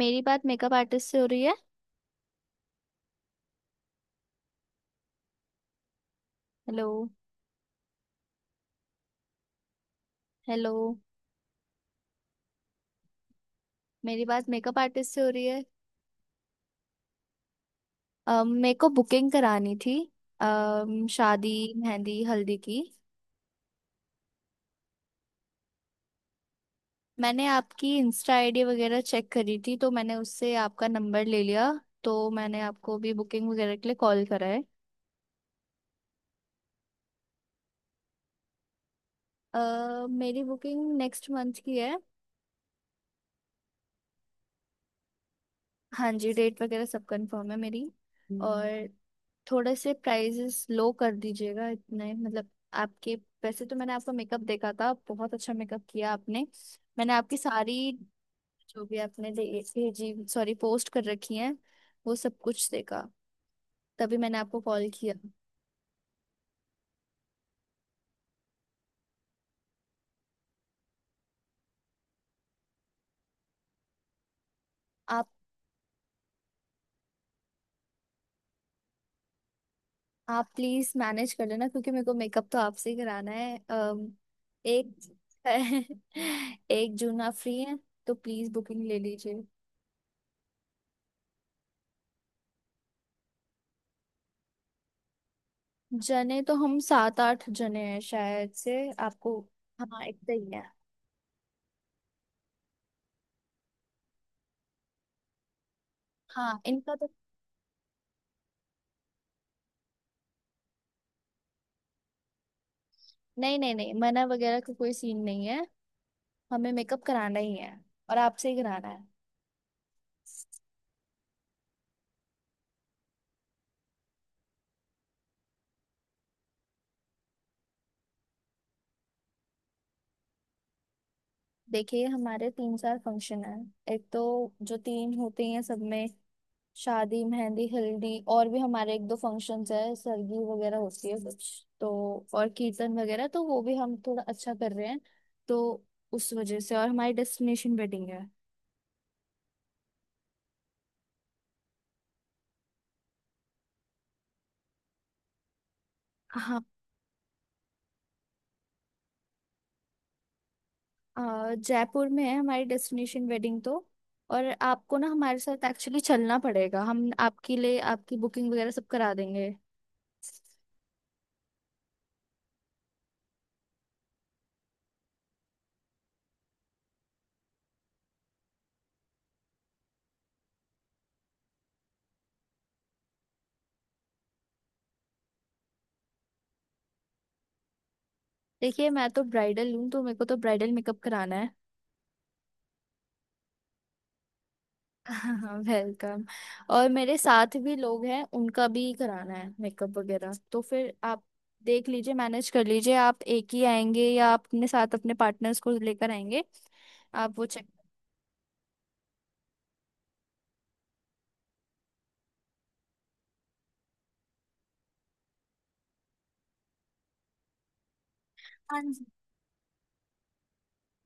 मेरी बात makeup artist से हो रही है। हेलो। हेलो। मेरी बात मेकअप आर्टिस्ट से हो रही है। मेरे को बुकिंग करानी थी। शादी मेहंदी हल्दी की। मैंने आपकी इंस्टा आईडी वगैरह चेक करी थी, तो मैंने उससे आपका नंबर ले लिया। तो मैंने आपको भी बुकिंग वगैरह के लिए कॉल करा है। मेरी बुकिंग नेक्स्ट मंथ की है। हाँ जी, डेट वगैरह सब कंफर्म है मेरी। और थोड़े से प्राइजेस लो कर दीजिएगा इतने मतलब आपके। वैसे तो मैंने आपका मेकअप देखा था, बहुत अच्छा मेकअप किया आपने। मैंने आपकी सारी जो भी आपने भेजी सॉरी पोस्ट कर रखी है, वो सब कुछ देखा। तभी मैंने आपको कॉल किया। आप आप प्लीज मैनेज कर लेना, क्योंकि मेरे को मेकअप तो आपसे ही कराना है। एक 1 जून आप फ्री हैं, तो प्लीज बुकिंग ले लीजिए। जने तो हम सात आठ जने हैं शायद से। आपको। हाँ इतना ही है। हाँ इनका तो नहीं नहीं नहीं, मना वगैरह का कोई सीन नहीं है। हमें मेकअप कराना ही है। और आपसे ही कराना है। देखिए हमारे तीन चार फंक्शन हैं। एक तो जो तीन होते हैं सब में, शादी मेहंदी हल्दी। और भी हमारे एक दो फंक्शंस है, सरगी वगैरह होती है कुछ तो। और कीर्तन वगैरह तो वो भी हम थोड़ा अच्छा कर रहे हैं, तो उस वजह से। और हमारी डेस्टिनेशन वेडिंग है। जयपुर में है हमारी डेस्टिनेशन वेडिंग तो। और आपको ना हमारे साथ एक्चुअली चलना पड़ेगा, हम आपके लिए आपकी बुकिंग वगैरह सब करा देंगे। देखिए मैं तो ब्राइडल हूँ, तो मेरे को तो ब्राइडल मेकअप कराना है। हाँ वेलकम। और मेरे साथ भी लोग हैं, उनका भी कराना है मेकअप वगैरह। तो फिर आप देख लीजिए मैनेज कर लीजिए। आप एक ही आएंगे या आप अपने साथ अपने पार्टनर्स को लेकर आएंगे। आप वो चेक। हाँ जी,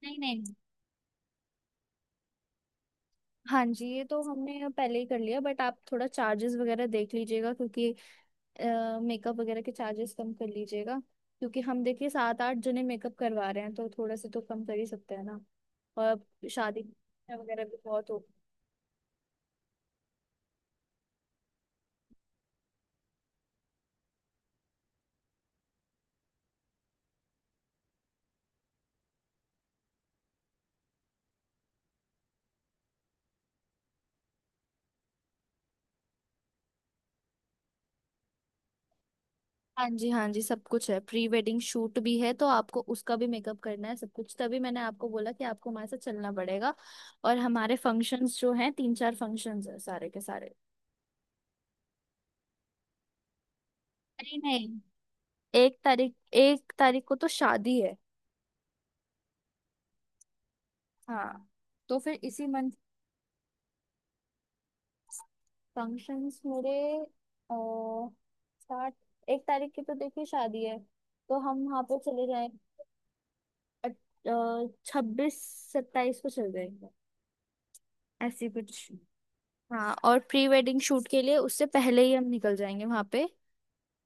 नहीं नहीं। हाँ जी, ये तो हमने पहले ही कर लिया, बट आप थोड़ा चार्जेस वगैरह देख लीजिएगा। क्योंकि मेकअप वगैरह के चार्जेस कम कर लीजिएगा। क्योंकि हम देखिए सात आठ जने मेकअप करवा रहे हैं, तो थोड़ा सा तो कम कर ही सकते हैं ना। और शादी वगैरह भी बहुत हो। हाँ जी हाँ जी, सब कुछ है। प्री वेडिंग शूट भी है, तो आपको उसका भी मेकअप करना है सब कुछ। तभी मैंने आपको बोला कि आपको हमारे साथ चलना पड़ेगा। और हमारे फंक्शंस जो हैं, तीन चार फंक्शंस है सारे के सारे। नहीं नहीं, 1 तारीख 1 तारीख को तो शादी है। हाँ, तो फिर इसी मंथ। फंक्शंस मेरे अह, स्टार्ट, 1 तारीख की तो देखिए शादी है। तो हम वहां पे चले जाए, 26 27 को चल जाएंगे ऐसी कुछ। हाँ और प्री वेडिंग शूट के लिए उससे पहले ही हम निकल जाएंगे वहां पे।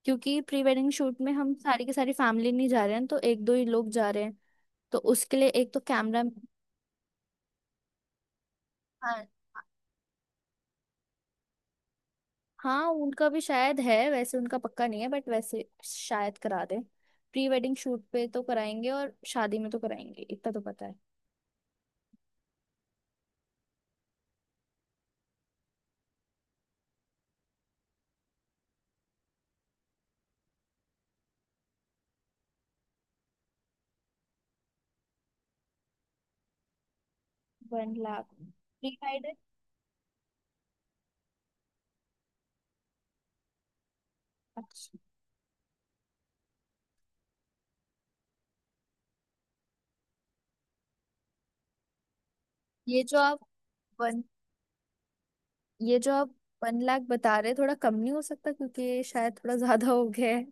क्योंकि प्री वेडिंग शूट में हम सारी की सारी फैमिली नहीं जा रहे हैं, तो एक दो ही लोग जा रहे हैं। तो उसके लिए एक तो कैमरा। हाँ। हाँ उनका भी शायद है, वैसे उनका पक्का नहीं है, बट वैसे शायद करा दे। प्री वेडिंग शूट पे तो कराएंगे और शादी में तो कराएंगे, इतना तो पता है। 1 लाख। Pre wedding. अच्छा, ये जो आप वन ये जो आप 1 लाख बता रहे, थोड़ा कम नहीं हो सकता, क्योंकि ये शायद थोड़ा ज्यादा हो गया है।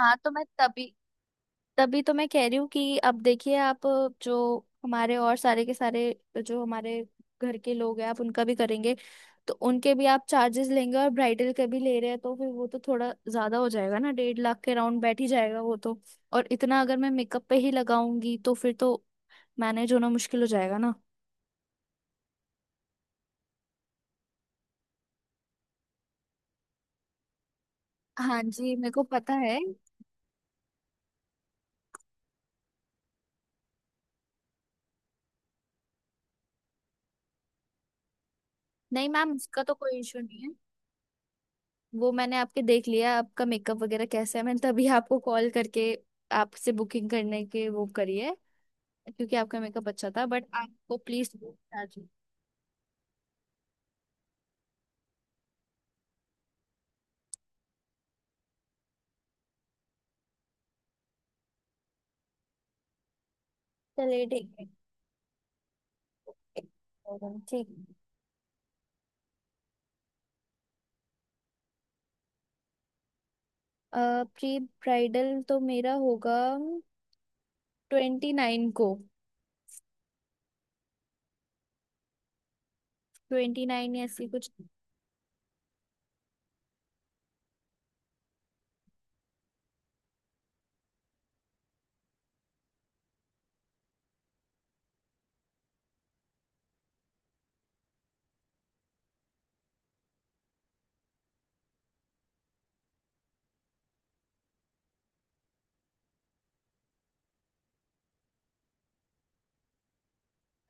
हाँ, तो मैं तभी तभी तो मैं कह रही हूँ कि अब देखिए आप, जो हमारे और सारे के सारे जो हमारे घर के लोग हैं आप उनका भी करेंगे। तो उनके भी आप चार्जेस लेंगे और ब्राइडल के भी ले रहे हैं, तो फिर वो तो थोड़ा ज्यादा हो जाएगा ना, 1.5 लाख के राउंड बैठ ही जाएगा वो तो। और इतना अगर मैं मेकअप पे ही लगाऊंगी तो फिर तो मैनेज होना मुश्किल हो जाएगा ना। हाँ जी मेरे को पता है। नहीं मैम, उसका तो कोई इशू नहीं है। वो मैंने आपके देख लिया आपका मेकअप वगैरह कैसा है, मैंने तभी आपको कॉल करके आपसे बुकिंग करने के वो करी है, क्योंकि आपका मेकअप अच्छा था। बट आपको प्लीज। चलिए ठीक है। एक और ठीक। प्री ब्राइडल तो मेरा होगा 29 को। 29 या ऐसी कुछ।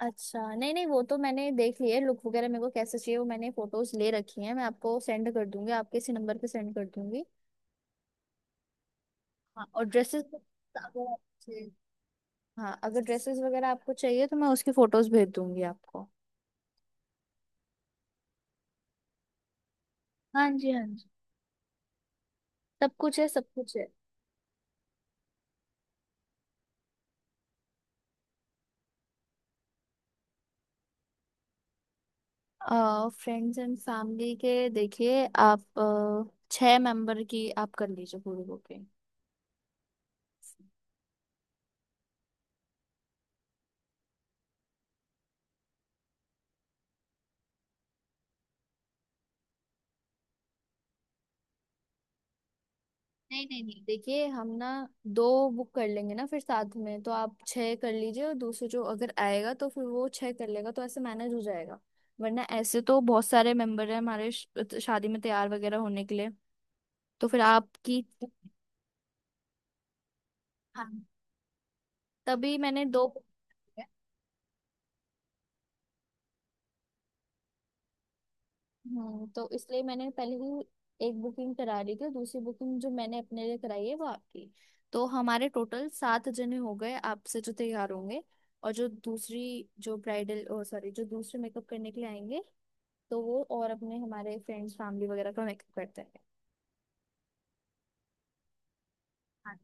अच्छा नहीं नहीं, वो तो मैंने देख लिया है, लुक वगैरह मेरे को कैसे चाहिए वो मैंने फोटोज ले रखी हैं। मैं आपको सेंड कर दूंगी, आपके इसी नंबर पे सेंड कर दूंगी। हाँ और ड्रेसेस। हाँ अगर ड्रेसेस वगैरह आपको चाहिए तो मैं उसकी फोटोज भेज दूंगी आपको। हाँ जी हाँ जी, सब कुछ है सब कुछ है। फ्रेंड्स एंड फैमिली के देखिए आप छह मेंबर की आप कर लीजिए पूरी बुकिंग। नहीं नहीं नहीं, देखिए हम ना दो बुक कर लेंगे ना फिर साथ में, तो आप छह कर लीजिए और दूसरे जो अगर आएगा तो फिर वो छह कर लेगा, तो ऐसे मैनेज हो जाएगा। वरना ऐसे तो बहुत सारे मेंबर हैं हमारे, शादी में तैयार वगैरह होने के लिए। तो फिर आपकी। हाँ तभी मैंने दो। तो इसलिए मैंने पहले ही एक बुकिंग करा ली थी, दूसरी बुकिंग जो मैंने अपने लिए कराई है वो आपकी। तो हमारे टोटल सात जने हो गए आपसे जो तैयार होंगे। और जो दूसरी जो ब्राइडल ओ सॉरी जो दूसरे मेकअप करने के लिए आएंगे, तो वो और अपने हमारे फ्रेंड्स फैमिली वगैरह का मेकअप करते हैं। हाँ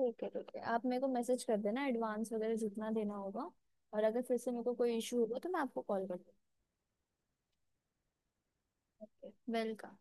ठीक है ठीक है, आप मेरे को मैसेज कर देना एडवांस वगैरह जितना देना होगा। और अगर फिर से मेरे को कोई इशू होगा तो मैं आपको कॉल कर दूँगी। वेलकम।